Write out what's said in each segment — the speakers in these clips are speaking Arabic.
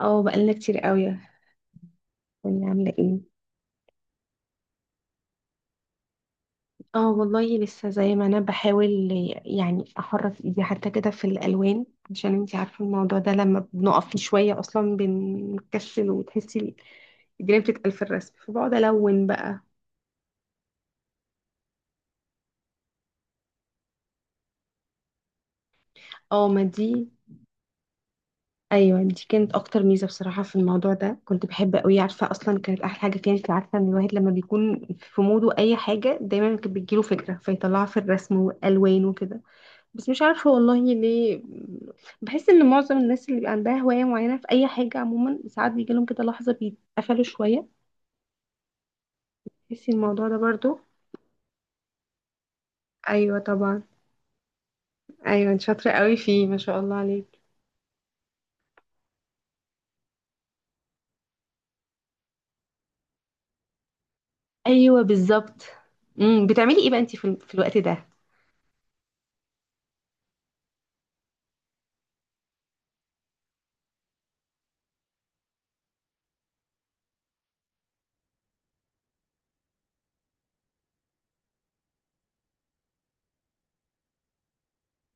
اه، بقالنا كتير قوي. يعني عاملة ايه؟ اه والله، لسه زي ما انا بحاول، يعني احرك ايدي حتى كده في الالوان، عشان انتي عارفة الموضوع ده لما بنقف فيه شوية اصلا بنكسل، وتحسي الدنيا بتتقل في الرسم، فبقعد الون بقى. اه، ما دي ايوه دي كانت اكتر ميزه بصراحه في الموضوع ده، كنت بحب قوي، عارفه اصلا كانت احلى حاجه فيها. انت عارفه ان الواحد لما بيكون في موده اي حاجه دايما كانت بتجيله فكره فيطلعها في الرسم والوان وكده. بس مش عارفة والله ليه. بحس ان معظم الناس اللي بيبقى عندها هواية معينة في اي حاجة عموما، ساعات بيجيلهم كده لحظة بيتقفلوا شوية. تحسي الموضوع ده برضو؟ ايوه طبعا. ايوه، انت شاطره قوي فيه ما شاء الله عليك. ايوه بالظبط. بتعملي ايه بقى انتي في الوقت ده؟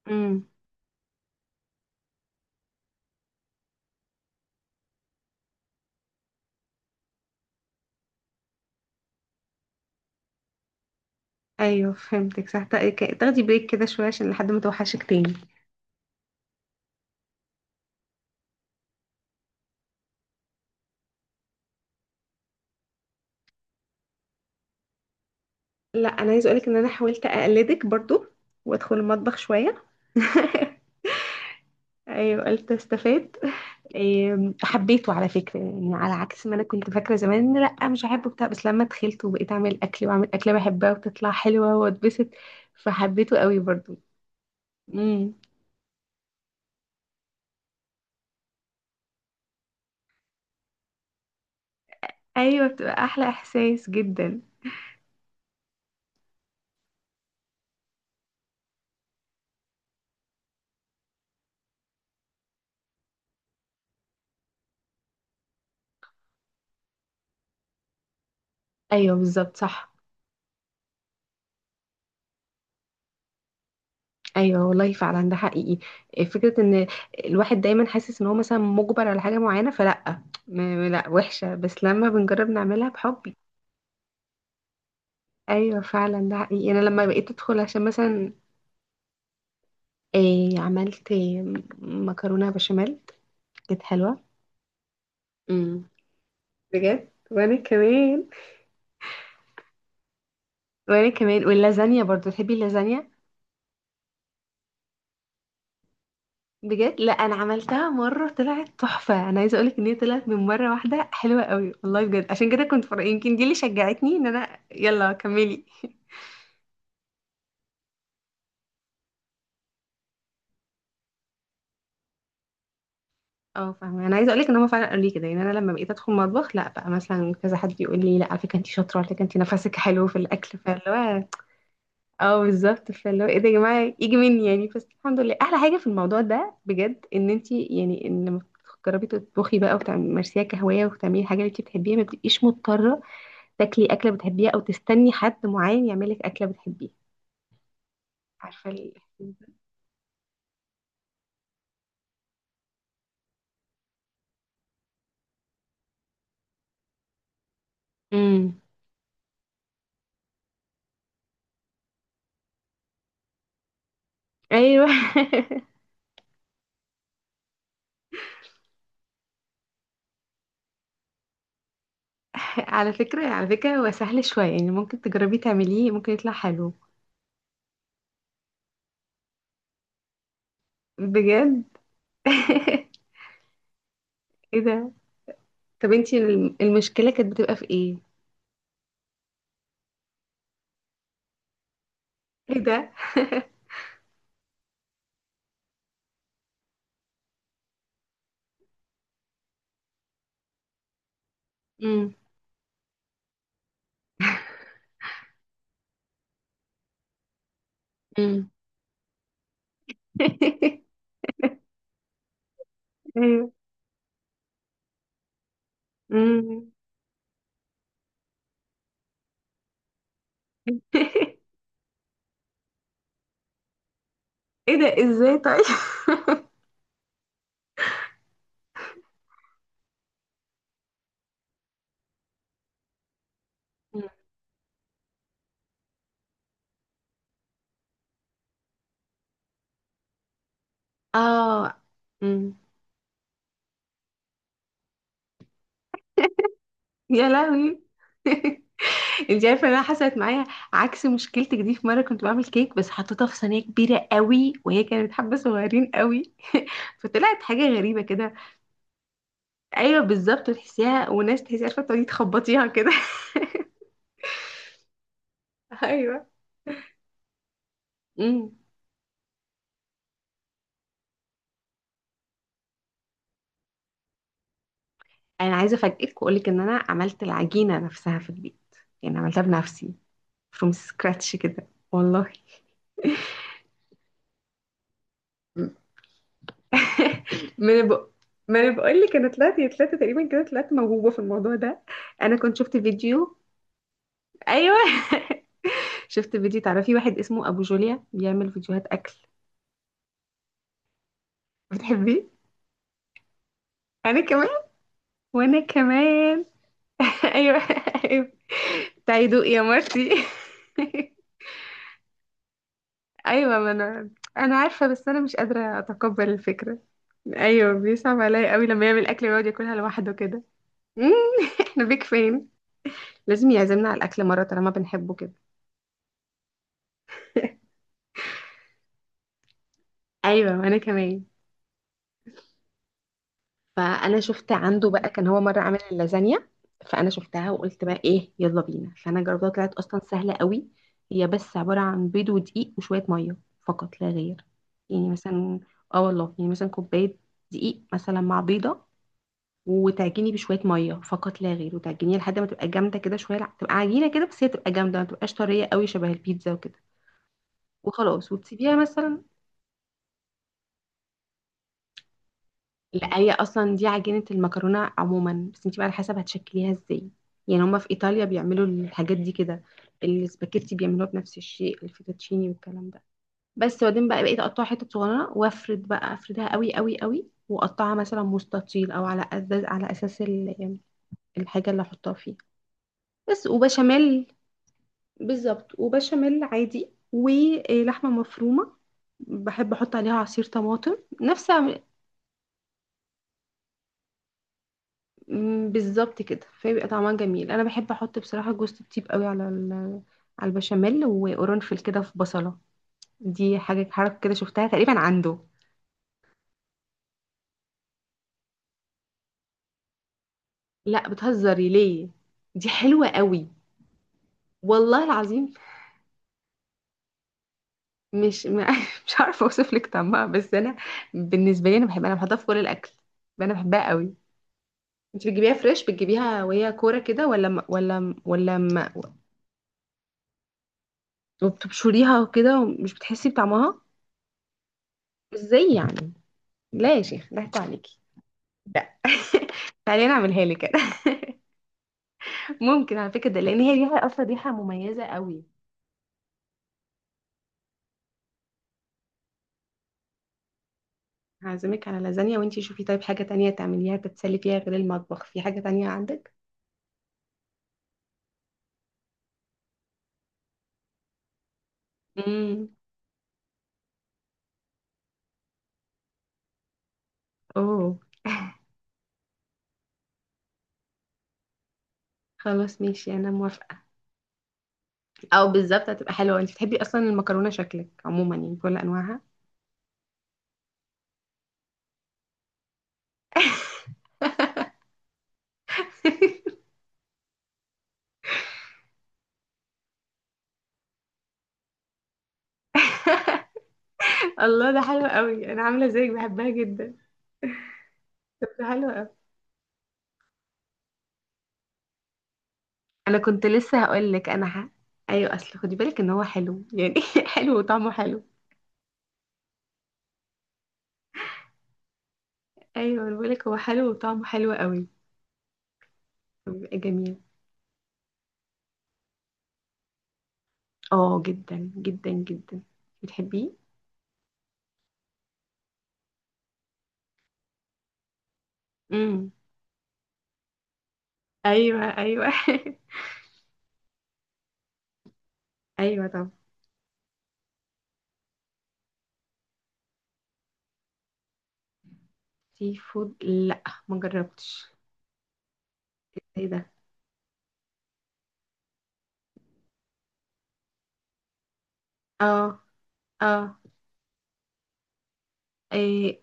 امم. ايوه فهمتك صح، تاخدي بريك كده شويه عشان لحد ما توحشك تاني. لا، انا عايزه اقولك ان انا حاولت اقلدك برضو، وادخل المطبخ شويه. ايوه، قلت استفاد. إيه، حبيته على فكرة، يعني على عكس ما أنا كنت فاكرة زمان إن لأ مش هحبه بتاع. بس لما دخلت وبقيت أعمل أكل وأعمل أكلة بحبها وتطلع حلوة وأتبسط، فحبيته قوي برضو. امم. أيوة، بتبقى أحلى إحساس جدا. أيوة بالظبط صح. أيوة والله فعلا ده حقيقي. إيه، فكرة إن الواحد دايما حاسس إن هو مثلا مجبر على حاجة معينة، فلأ لأ وحشة، بس لما بنجرب نعملها بحب. ايوه فعلا ده حقيقي، انا لما بقيت ادخل عشان مثلا. إيه، عملت إيه، مكرونه بشاميل، كانت حلوة. امم. بجد، وانا كمان. وانا كمان، واللازانيا برضو، تحبي اللازانيا؟ بجد، لا انا عملتها مرة طلعت تحفة. انا عايزة اقولك ان هي طلعت من مرة واحدة حلوة قوي والله بجد، عشان كده كنت فرق يمكن دي اللي شجعتني ان انا يلا كملي. اه، فاهمة. انا عايزة اقولك ان هما فعلا قالوا لي كده يعني، انا لما بقيت ادخل مطبخ، لا بقى مثلا كذا حد يقول لي، لا على فكرة انت شاطرة، على فكرة انت نفسك حلو في الاكل، فاللي هو. اه بالظبط، فاللي هو ايه ده يا جماعه يجي مني يعني، بس الحمد لله احلى حاجه في الموضوع ده بجد، ان انت يعني، ان لما تجربي تطبخي بقى وتمارسيها كهوايه وتعملي حاجه اللي انت بتحبيها، ما بتبقيش مضطره تاكلي اكله بتحبيها او تستني حد معين يعمل لك اكله بتحبيها. عارفه. امم. ايوه. على فكره، هو سهل شويه يعني، ممكن تجربي تعمليه ممكن يطلع حلو. بجد. ايه ده؟ طب انت المشكله كانت بتبقى في ايه؟ ايه ده. امم. ايوه. أمم. ايه ده ازاي طيب؟ أمم. اه. أمم. يا لهوي! انت عارفه إن انا حصلت معايا عكس مشكلتك دي، في مره كنت بعمل كيك بس حطيتها في صينيه كبيره قوي، وهي كانت حبه صغيرين قوي. فطلعت حاجه غريبه كده. ايوه بالظبط، وتحسيها وناس، تحسي عارفه تقعدي تخبطيها كده. ايوه. امم انا عايزه افاجئك واقول لك ان انا عملت العجينه نفسها في البيت، يعني عملتها بنفسي from scratch كده والله. م- ما انا بق- ما انا بقول لك، انا طلعت يا طلعت تقريبا كده، طلعت موهوبه في الموضوع ده. انا كنت شفت فيديو. ايوه. شفت فيديو، تعرفي واحد اسمه ابو جوليا بيعمل فيديوهات اكل؟ بتحبيه؟ انا كمان. وانا كمان. ايوه، ايوه. تعالي دوقي يا مرتي. ايوه ما انا، انا عارفه بس انا مش قادره اتقبل الفكره. ايوه، بيصعب عليا قوي لما يعمل اكل ويقعد ياكلها لوحده كده. مم، احنا بيك فين؟ لازم يعزمنا على الاكل مره طالما بنحبه كده. ايوه وانا كمان. فانا شفت عنده بقى، كان هو مره عامل اللازانيا. فانا شفتها وقلت بقى ايه يلا بينا، فانا جربتها طلعت اصلا سهله قوي. هي بس عباره عن بيض ودقيق وشويه ميه، فقط لا غير. يعني مثلا، اه والله، يعني مثلا كوبايه دقيق مثلا مع بيضه، وتعجني بشويه ميه فقط لا غير، وتعجنيها لحد ما تبقى جامده كده شويه، تبقى عجينه كده، بس هي تبقى جامده ما تبقاش طريه قوي شبه البيتزا وكده. وخلاص، وتسيبيها مثلا. لا، هي اصلا دي عجينه المكرونه عموما، بس انت بقى على حسب هتشكليها ازاي، يعني هما في ايطاليا بيعملوا الحاجات دي كده، السباكيتي بيعملوها بنفس الشيء، الفيتوتشيني والكلام ده. بس بعدين بقى، بقيت اقطعها حتت صغيره، وافرد بقى افردها قوي قوي قوي، واقطعها مثلا مستطيل، او على اساس الحاجه اللي احطها فيها. بس، وبشاميل. بالظبط، وبشاميل عادي ولحمه مفرومه، بحب احط عليها عصير طماطم نفس. بالظبط كده، فبيبقى طعمها جميل. انا بحب احط بصراحه جوز الطيب قوي على على البشاميل، وقرنفل كده في بصله، دي حاجه حركه كده، شفتها تقريبا عنده. لا، بتهزري ليه؟ دي حلوه قوي، والله العظيم. مش م- مش عارفه اوصف لك طعمها، بس انا بالنسبه لي انا بحبها، انا بحطها في كل الاكل. انا بحبها قوي. انت بتجيبيها فريش، بتجيبيها وهي كوره كده، وبتبشريها كده ومش بتحسي بطعمها؟ ازاي يعني؟ لا يا شيخ، ضحكوا عليكي. لا. تعالي أنا اعملها لك كده. ممكن على فكره، ده لان هي ريحه اصلا ريحه مميزه قوي. هعزمك على لازانيا، وانتي شوفي طيب حاجه تانية تعمليها تتسلي فيها غير المطبخ، في حاجه تانية عندك؟ امم. اوه. خلاص ماشي، انا موافقه. او بالظبط، هتبقى حلوه، انتي بتحبي اصلا المكرونه شكلك عموما يعني بكل انواعها. الله، ده حلو قوي، انا عامله زيك بحبها جدا. طب ده حلو قوي. انا كنت لسه هقول لك انا ايوه، اصل خدي بالك ان هو حلو يعني. حلو وطعمه حلو. ايوه أنا بقولك، هو حلو وطعمه حلو قوي. بيبقى جميل. اه جدا جدا جدا. بتحبيه؟ امم. ايوه، ايوه. ايوه. طب سي فود، لا ما جربتش. ايه ده؟ اه، اه. إيه؟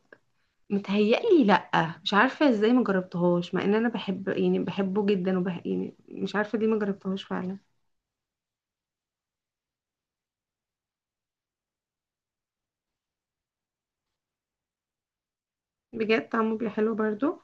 متهيألي لا، مش عارفه ازاي ما جربتهاش مع ان انا بحب يعني بحبه جدا يعني مش عارفه دي ما جربتهاش فعلا. بجد، طعمه بيبقى حلو برضو؟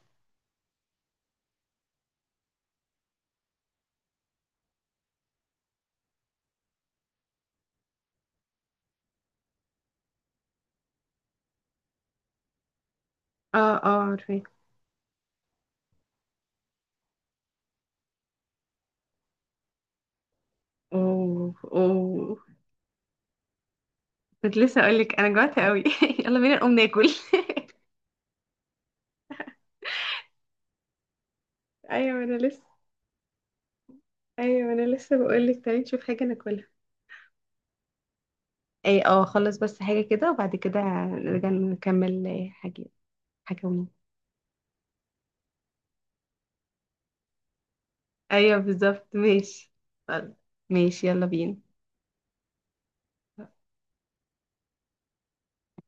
اه، اه، عارفه. اوه، اوه. كنت لسه اقولك انا جوعت قوي. يلا بينا نقوم ناكل. ايوه انا لسه ايوه انا لسه بقول لك، تعالي نشوف حاجه ناكلها. اي، اه، خلص بس حاجه كده وبعد كده، نرجع نكمل حاجه. حاجه ونوم. ايوه بالظبط ماشي. طيب. ماشي يلا بينا.